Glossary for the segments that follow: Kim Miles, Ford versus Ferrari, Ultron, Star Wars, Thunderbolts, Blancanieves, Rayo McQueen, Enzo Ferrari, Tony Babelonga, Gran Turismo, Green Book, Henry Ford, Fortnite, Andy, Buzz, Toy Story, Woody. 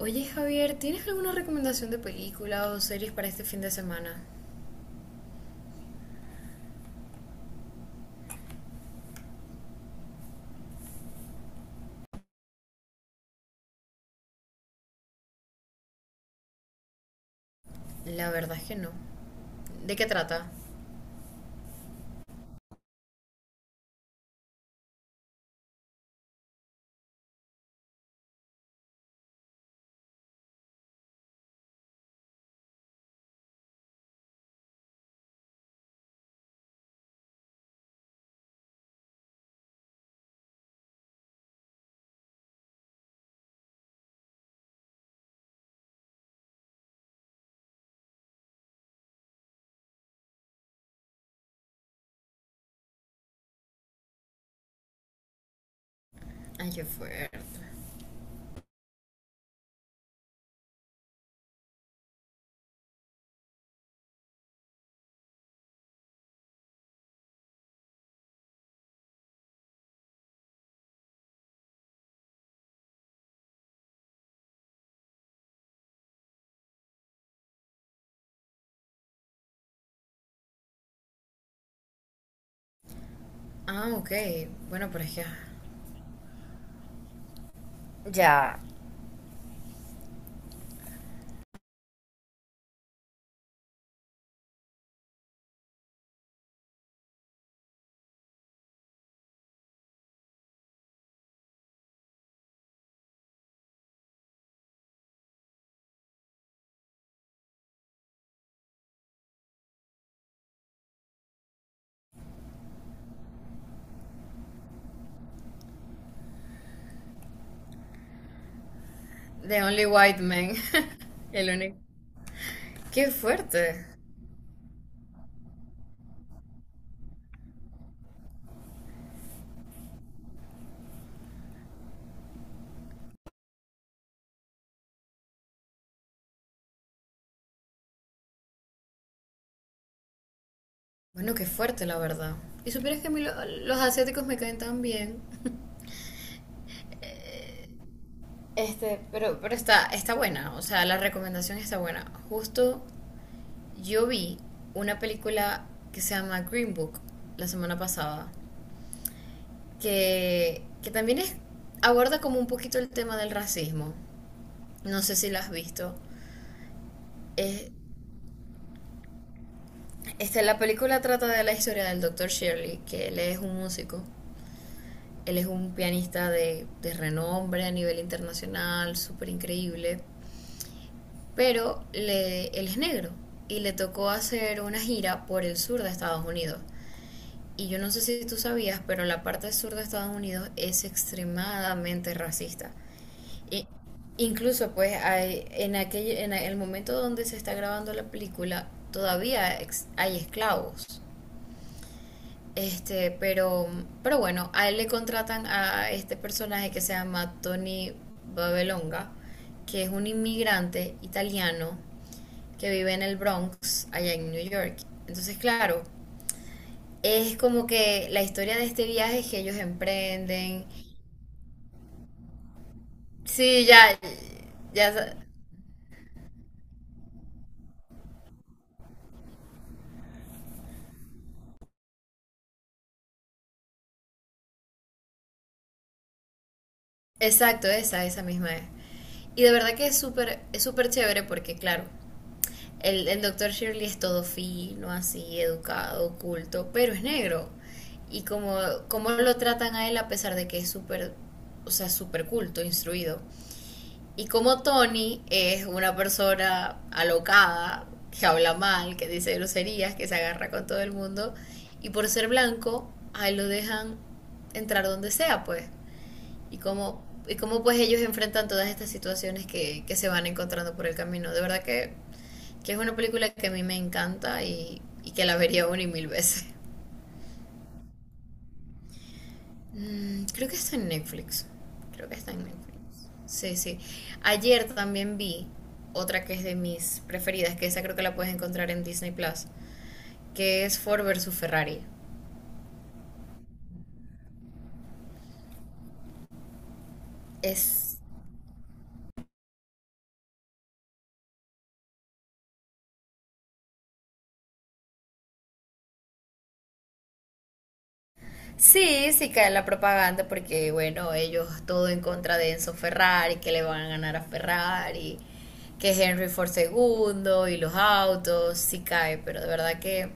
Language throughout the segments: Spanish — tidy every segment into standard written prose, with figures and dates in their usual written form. Oye Javier, ¿tienes alguna recomendación de película o series para este fin de semana? La verdad es que no. ¿De qué trata? Ay, qué fuerte. Ah, ok. Bueno, pero es que... Ya, The Only White Man. El único. Qué fuerte. Bueno, qué fuerte, la verdad. Y supieras que a mí los asiáticos me caen tan bien. Este, pero está buena. O sea, la recomendación está buena. Justo yo vi una película que se llama Green Book la semana pasada. Que también aborda como un poquito el tema del racismo. No sé si la has visto. Es, la película trata de la historia del doctor Shirley, que él es un músico. Él es un pianista de renombre a nivel internacional, súper increíble. Pero él es negro y le tocó hacer una gira por el sur de Estados Unidos. Y yo no sé si tú sabías, pero la parte sur de Estados Unidos es extremadamente racista. I- incluso pues hay, en el momento donde se está grabando la película todavía hay esclavos. Este, pero bueno, a él le contratan a este personaje que se llama Tony Babelonga, que es un inmigrante italiano que vive en el Bronx, allá en New York. Entonces, claro, es como que la historia de este viaje que ellos emprenden. Sí, ya, ya, exacto, esa misma es. Y de verdad que es súper chévere porque, claro, el doctor Shirley es todo fino, así, educado, culto, pero es negro. Y como lo tratan a él a pesar de que es súper, o sea, súper culto, instruido. Y como Tony es una persona alocada, que habla mal, que dice groserías, que se agarra con todo el mundo, y por ser blanco, ahí lo dejan entrar donde sea, pues y cómo pues ellos enfrentan todas estas situaciones que se van encontrando por el camino. De verdad que es una película que a mí me encanta y que la vería una y mil veces. Creo que está en Netflix. Creo que está en Netflix. Sí, sí. Ayer también vi otra que es de mis preferidas, que esa creo que la puedes encontrar en Disney Plus, que es Ford versus Ferrari. Es Sí, sí cae en la propaganda porque, bueno, ellos todo en contra de Enzo Ferrari, que le van a ganar a Ferrari, que Henry Ford II y los autos, sí cae, pero de verdad que,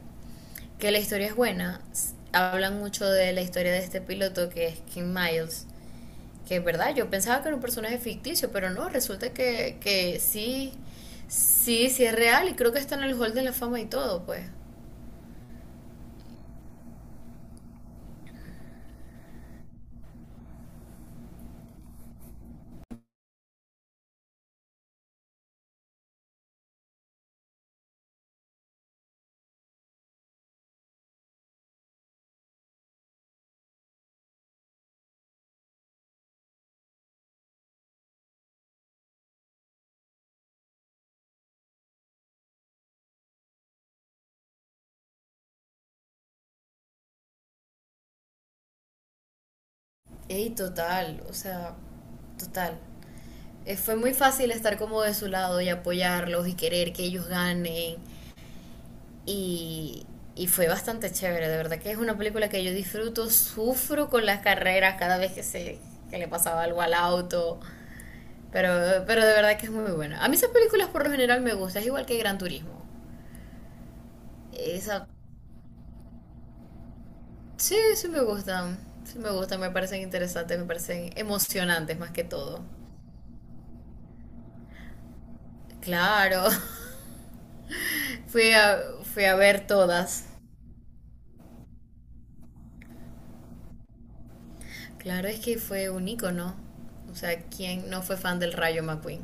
que la historia es buena. Hablan mucho de la historia de este piloto que es Kim Miles, que es verdad, yo pensaba que era un personaje ficticio, pero no, resulta que sí, sí, sí es real y creo que está en el Hall de la Fama y todo, pues. Ey, total, o sea, total. Fue muy fácil estar como de su lado y apoyarlos y querer que ellos ganen. Y, y fue bastante chévere, de verdad que es una película que yo disfruto, sufro con las carreras cada vez que le pasaba algo al auto. Pero de verdad que es muy buena. A mí esas películas por lo general me gustan, es igual que Gran Turismo. Esa, sí, sí me gustan, me parecen interesantes, me parecen emocionantes más que todo. Claro. Fui a ver todas. Claro, es que fue un ícono. O sea, ¿quién no fue fan del Rayo McQueen?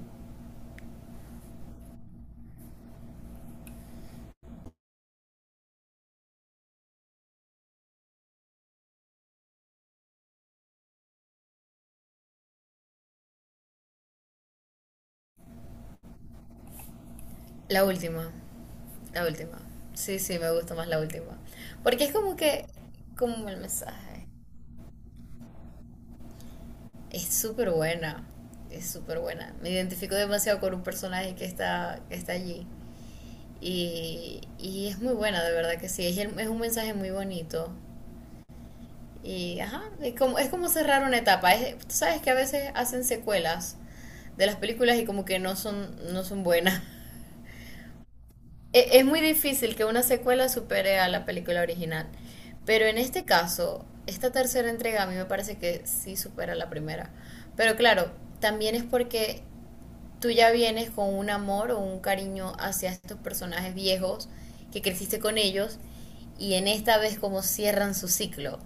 La última. La última. Sí, sí, me gusta más la última. Porque es como que, como el mensaje. Es súper buena. Es súper buena. Me identifico demasiado con un personaje que está allí. Y es muy buena, de verdad que sí. Es un mensaje muy bonito. Y ajá, es como cerrar una etapa. Tú sabes que a veces hacen secuelas de las películas y como que no son buenas. Es muy difícil que una secuela supere a la película original, pero en este caso, esta tercera entrega a mí me parece que sí supera la primera. Pero claro, también es porque tú ya vienes con un amor o un cariño hacia estos personajes viejos que creciste con ellos y en esta vez como cierran su ciclo.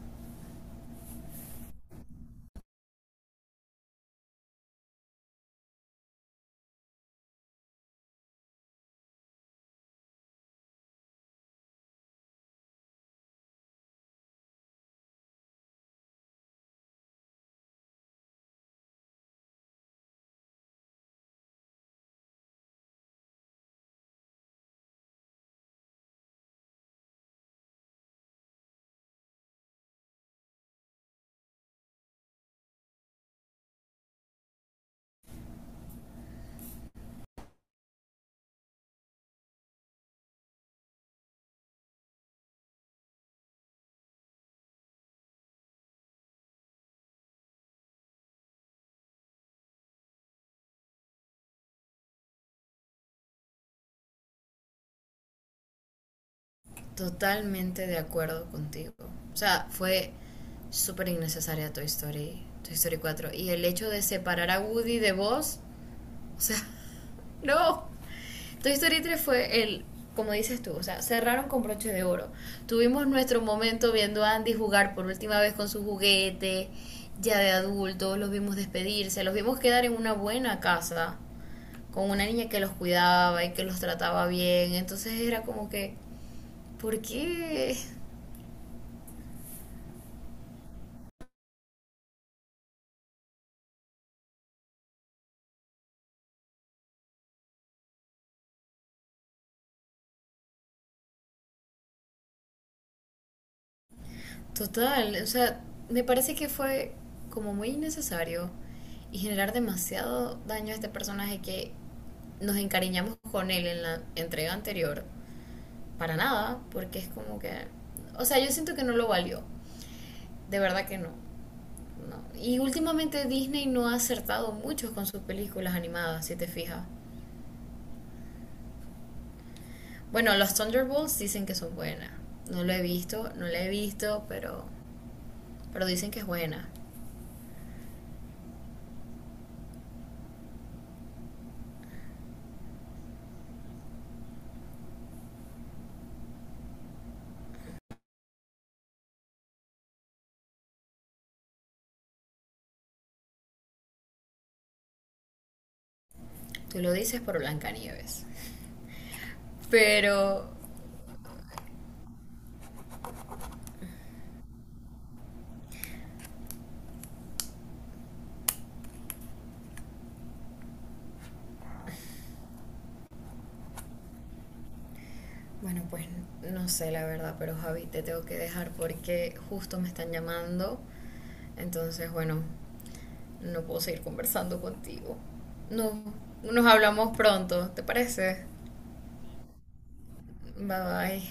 Totalmente de acuerdo contigo. O sea, fue súper innecesaria Toy Story cuatro. Y el hecho de separar a Woody de Buzz, o sea, no. Toy Story 3 fue como dices tú, o sea, cerraron con broche de oro. Tuvimos nuestro momento viendo a Andy jugar por última vez con su juguete, ya de adultos, los vimos despedirse, los vimos quedar en una buena casa, con una niña que los cuidaba y que los trataba bien. Entonces era como que, ¿por qué? Total, o sea, me parece que fue como muy innecesario y generar demasiado daño a este personaje que nos encariñamos con él en la entrega anterior. Para nada, porque es como que... O sea, yo siento que no lo valió. De verdad que no. No. Y últimamente Disney no ha acertado mucho con sus películas animadas, si te fijas. Bueno, los Thunderbolts dicen que son buenas. No lo he visto, no la he visto, pero dicen que es buena. Tú lo dices por Blancanieves. Pero, bueno, pues no sé la verdad, pero Javi, te tengo que dejar porque justo me están llamando. Entonces, bueno, no puedo seguir conversando contigo. No, nos hablamos pronto, ¿te parece? Bye bye.